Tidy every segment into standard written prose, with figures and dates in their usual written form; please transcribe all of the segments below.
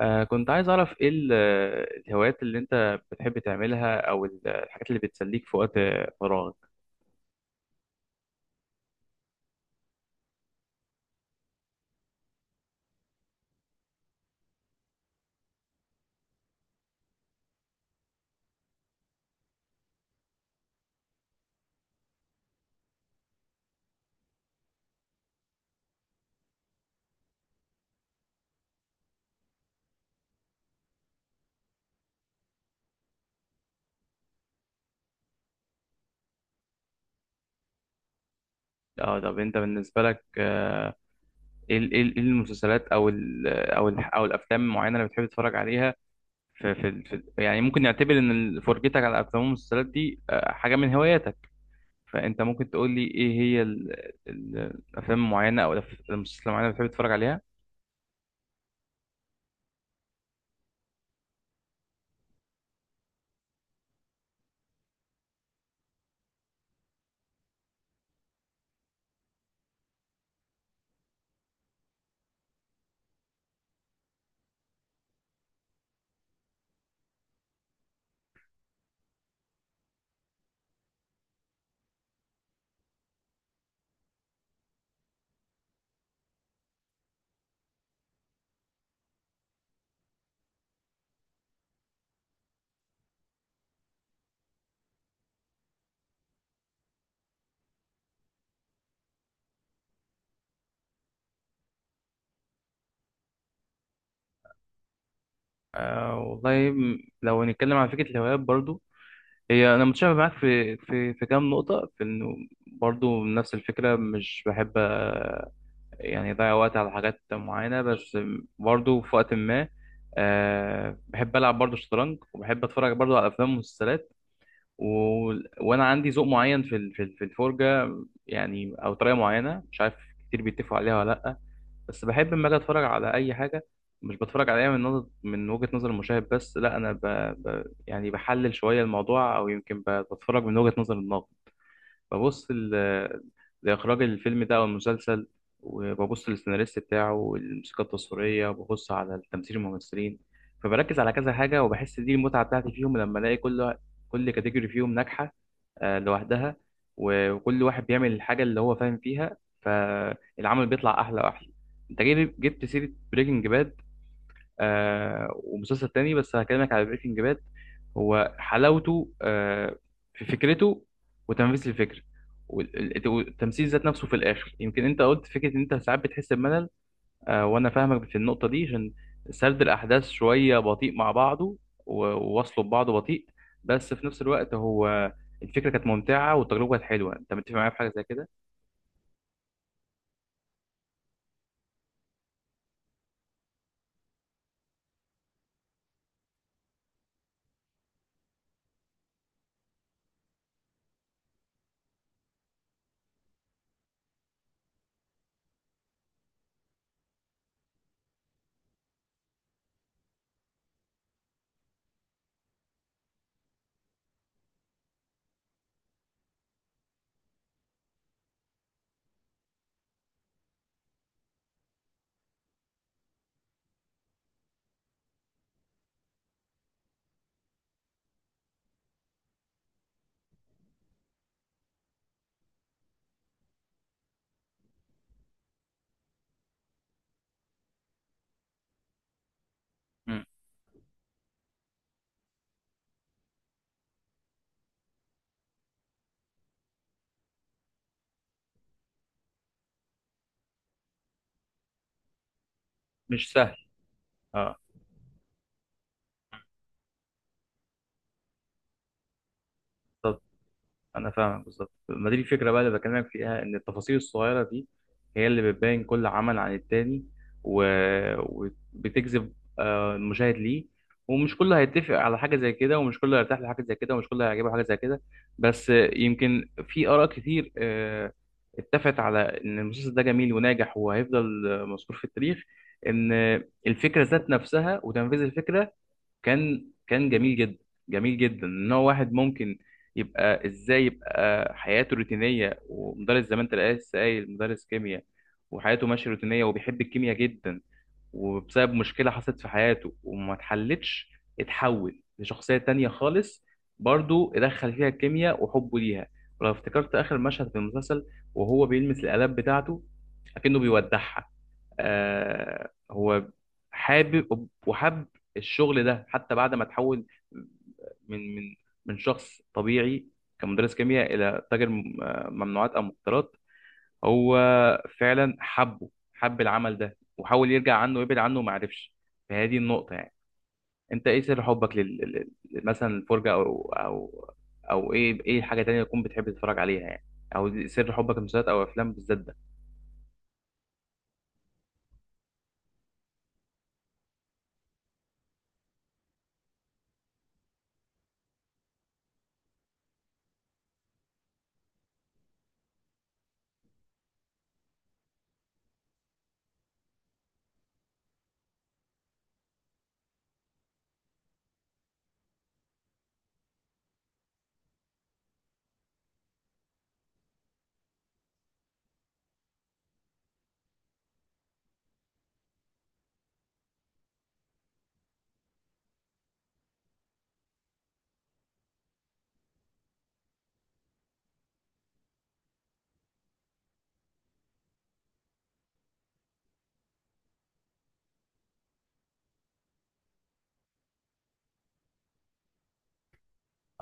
كنت عايز أعرف إيه الهوايات اللي أنت بتحب تعملها أو الحاجات اللي بتسليك في وقت فراغك. طب أنت بالنسبة لك، إيه إيه المسلسلات أو الأفلام المعينة اللي بتحب تتفرج عليها. يعني ممكن نعتبر إن فرجتك على الأفلام والمسلسلات دي حاجة من هواياتك، فأنت ممكن تقول لي إيه هي ال- الأفلام المعينة أو المسلسلات المعينة اللي بتحب تتفرج عليها؟ والله لو هنتكلم عن فكرة الهوايات برضو، هي انا متشابه معاك في كام نقطه، في انه برضو نفس الفكره، مش بحب يعني اضيع وقت على حاجات معينه. بس برضو في وقت ما، بحب العب برضو شطرنج وبحب اتفرج برضو على افلام ومسلسلات، و... وانا عندي ذوق معين في الفرجه، يعني او طريقه معينه مش عارف كتير بيتفقوا عليها ولا لا. بس بحب لما اجي اتفرج على اي حاجه، مش بتفرج عليها من وجهه نظر المشاهد بس، لا انا يعني بحلل شويه الموضوع، او يمكن بتفرج من وجهه نظر الناقد. ببص لإخراج الفيلم ده أو المسلسل، وببص للسيناريست بتاعه والموسيقى التصويرية، وببص على التمثيل الممثلين. فبركز على كذا حاجة وبحس دي المتعة بتاعتي فيهم، لما ألاقي كل كاتيجوري فيهم ناجحة، لوحدها. وكل واحد بيعمل الحاجة اللي هو فاهم فيها، فالعمل بيطلع أحلى وأحلى. أنت جبت سيرة بريكنج باد. ومسلسل تاني بس هكلمك على بريكنج باد. هو حلاوته في فكرته، وتنفيذ الفكرة، والتمثيل ذات نفسه. في الآخر يمكن أنت قلت فكرة إن أنت ساعات بتحس بملل، وأنا فاهمك في النقطة دي، عشان سرد الأحداث شوية بطيء مع بعضه، ووصله ببعضه بطيء، بس في نفس الوقت هو الفكرة كانت ممتعة والتجربة كانت حلوة. أنت متفق معايا في حاجة زي كده؟ مم. مش سهل. اه انا فاهمك بالظبط، ما دي الفكره بقى اللي بكلمك فيها، ان التفاصيل الصغيره دي هي اللي بتبين كل عمل عن التاني، و... وبتجذب المشاهد ليه. ومش كله هيتفق على حاجه زي كده، ومش كله هيرتاح لحاجه زي كده، ومش كله هيعجبه حاجه زي كده. بس يمكن في اراء كتير اتفقت على ان المسلسل ده جميل وناجح، وهيفضل مذكور في التاريخ، ان الفكره ذات نفسها وتنفيذ الفكره كان جميل جدا. جميل جدا ان هو واحد ممكن يبقى يبقى حياته روتينيه ومدرس زي ما انت لسه قايل، مدرس كيمياء وحياته ماشيه روتينيه وبيحب الكيمياء جدا، وبسبب مشكله حصلت في حياته وما اتحلتش، اتحول لشخصيه تانية خالص. برضو ادخل فيها الكيمياء وحبه ليها. ولو افتكرت اخر مشهد في المسلسل، وهو بيلمس الآلات بتاعته اكنه بيودعها، هو حابب وحب الشغل ده حتى بعد ما تحول من من من شخص طبيعي، كمدرس كيمياء، الى تاجر ممنوعات او مخدرات. هو فعلا حبه، حب العمل ده، وحاول يرجع عنه ويبعد عنه وما عرفش. فهذه النقطة يعني، انت ايه سر حبك مثلا الفرجة او ايه حاجة تانية تكون بتحب تتفرج عليها، يعني او سر حبك للمسلسلات او افلام بالذات ده.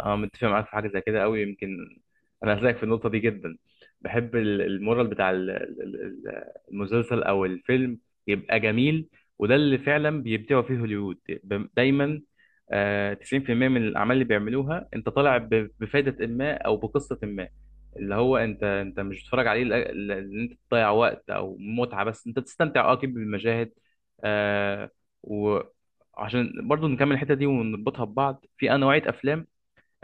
اه متفق معاك في حاجه زي كده قوي. يمكن انا هسلك في النقطه دي جدا. بحب المورال بتاع المسلسل او الفيلم يبقى جميل. وده اللي فعلا بيبدعوا فيه هوليوود، دايما، 90% من الاعمال اللي بيعملوها انت طالع بفائده ما او بقصه ما. اللي هو انت مش بتتفرج عليه ان انت تضيع وقت او متعه بس، انت تستمتع اه اكيد بالمشاهد، آه، وعشان برضو نكمل الحته دي ونربطها ببعض في نوعيه افلام.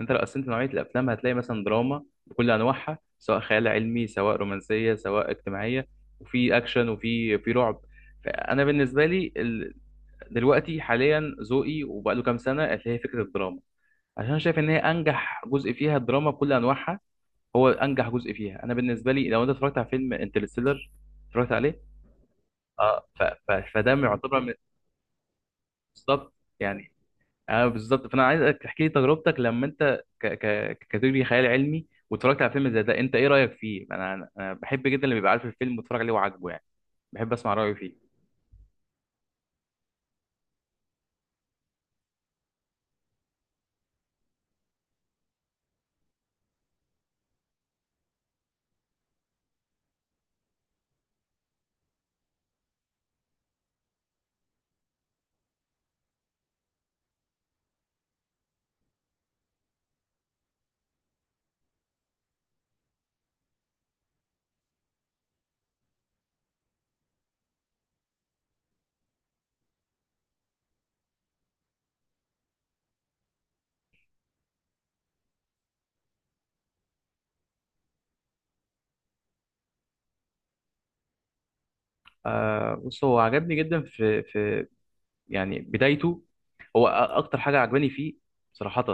انت لو قسمت نوعيه الافلام هتلاقي مثلا دراما بكل انواعها، سواء خيال علمي، سواء رومانسيه، سواء اجتماعيه، وفي اكشن، في رعب. فانا بالنسبه لي دلوقتي حاليا ذوقي وبقاله كام سنه اللي هي فكره الدراما، عشان شايف ان هي انجح جزء فيها، الدراما بكل انواعها هو انجح جزء فيها. انا بالنسبه لي لو انت اتفرجت على فيلم انترستيلر، اتفرجت عليه، اه فده يعتبر من، بالظبط، يعني، اه بالظبط. فانا عايزك تحكي لي تجربتك لما انت ككاتيجوري خيال علمي واتفرجت على فيلم زي ده، انت ايه رايك فيه. انا انا أنا بحب جدا اللي بيبقى عارف الفيلم واتفرج عليه وعاجبه، يعني بحب اسمع رايه فيه. بص، هو عجبني جدا في في يعني بدايته. هو اكتر حاجه عجباني فيه صراحه،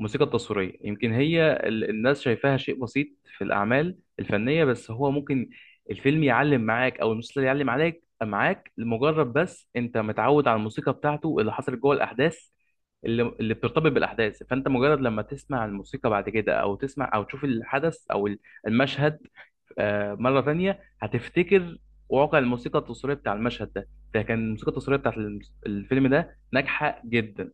الموسيقى التصويريه. يمكن هي الناس شايفاها شيء بسيط في الاعمال الفنيه، بس هو ممكن الفيلم يعلم معاك او المسلسل يعلم عليك معاك، لمجرد بس انت متعود على الموسيقى بتاعته اللي حصلت جوه الاحداث، اللي بترتبط بالاحداث. فانت مجرد لما تسمع الموسيقى بعد كده، او تسمع او تشوف الحدث او المشهد مره تانية، هتفتكر واقع الموسيقى التصويريه بتاع المشهد ده. فكان الموسيقى التصويريه بتاعت الفيلم ده ناجحه جدا،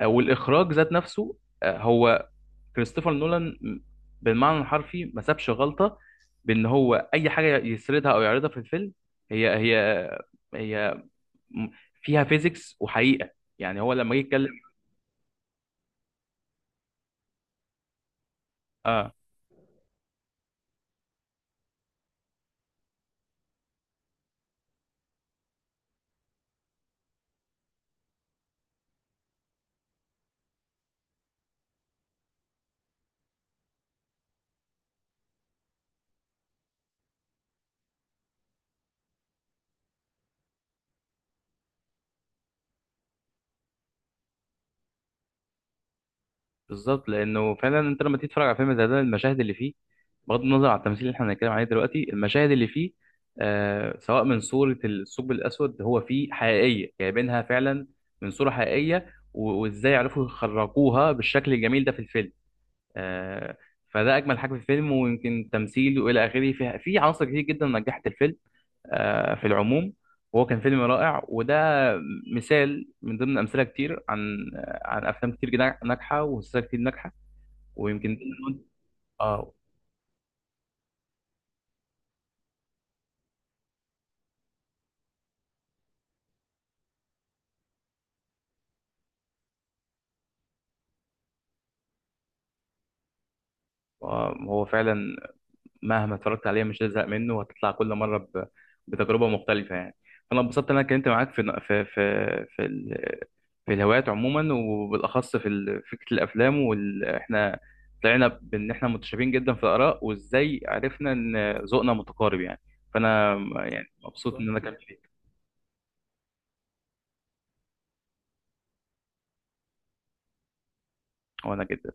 والاخراج ذات نفسه هو كريستوفر نولان بالمعنى الحرفي ما سابش غلطه، بان هو اي حاجه يسردها او يعرضها في الفيلم هي هي هي م- فيها فيزيكس وحقيقه. يعني هو لما جه يتكلم، اه بالظبط. لانه فعلا انت لما تيجي تتفرج على فيلم زي ده، المشاهد اللي فيه، بغض النظر عن التمثيل اللي احنا بنتكلم عليه دلوقتي، المشاهد اللي فيه سواء من صورة الثقب الأسود، هو فيه حقيقية جايبينها فعلا من صورة حقيقية، وإزاي عرفوا يخرجوها بالشكل الجميل ده في الفيلم. آه فده أجمل حاجة في الفيلم. ويمكن تمثيل وإلى آخره، فيها في عناصر كتير جدا نجحت الفيلم في العموم. وهو كان فيلم رائع، وده مثال من ضمن أمثلة كتير عن عن أفلام كتير جدا- ناجحة ومسلسلات كتير ناجحة. ويمكن ده اللي اه هو فعلا مهما اتفرجت عليه مش هزهق منه، وهتطلع كل مره بتجربه مختلفه، يعني. فانا اتبسطت ان انا اتكلمت معاك في الهوايات عموما، وبالاخص في فكره الافلام احنا طلعنا بان احنا متشابهين جدا في الاراء، وازاي عرفنا ان ذوقنا متقارب، يعني. فانا يعني مبسوط ان انا كلمت فيك. وانا جدا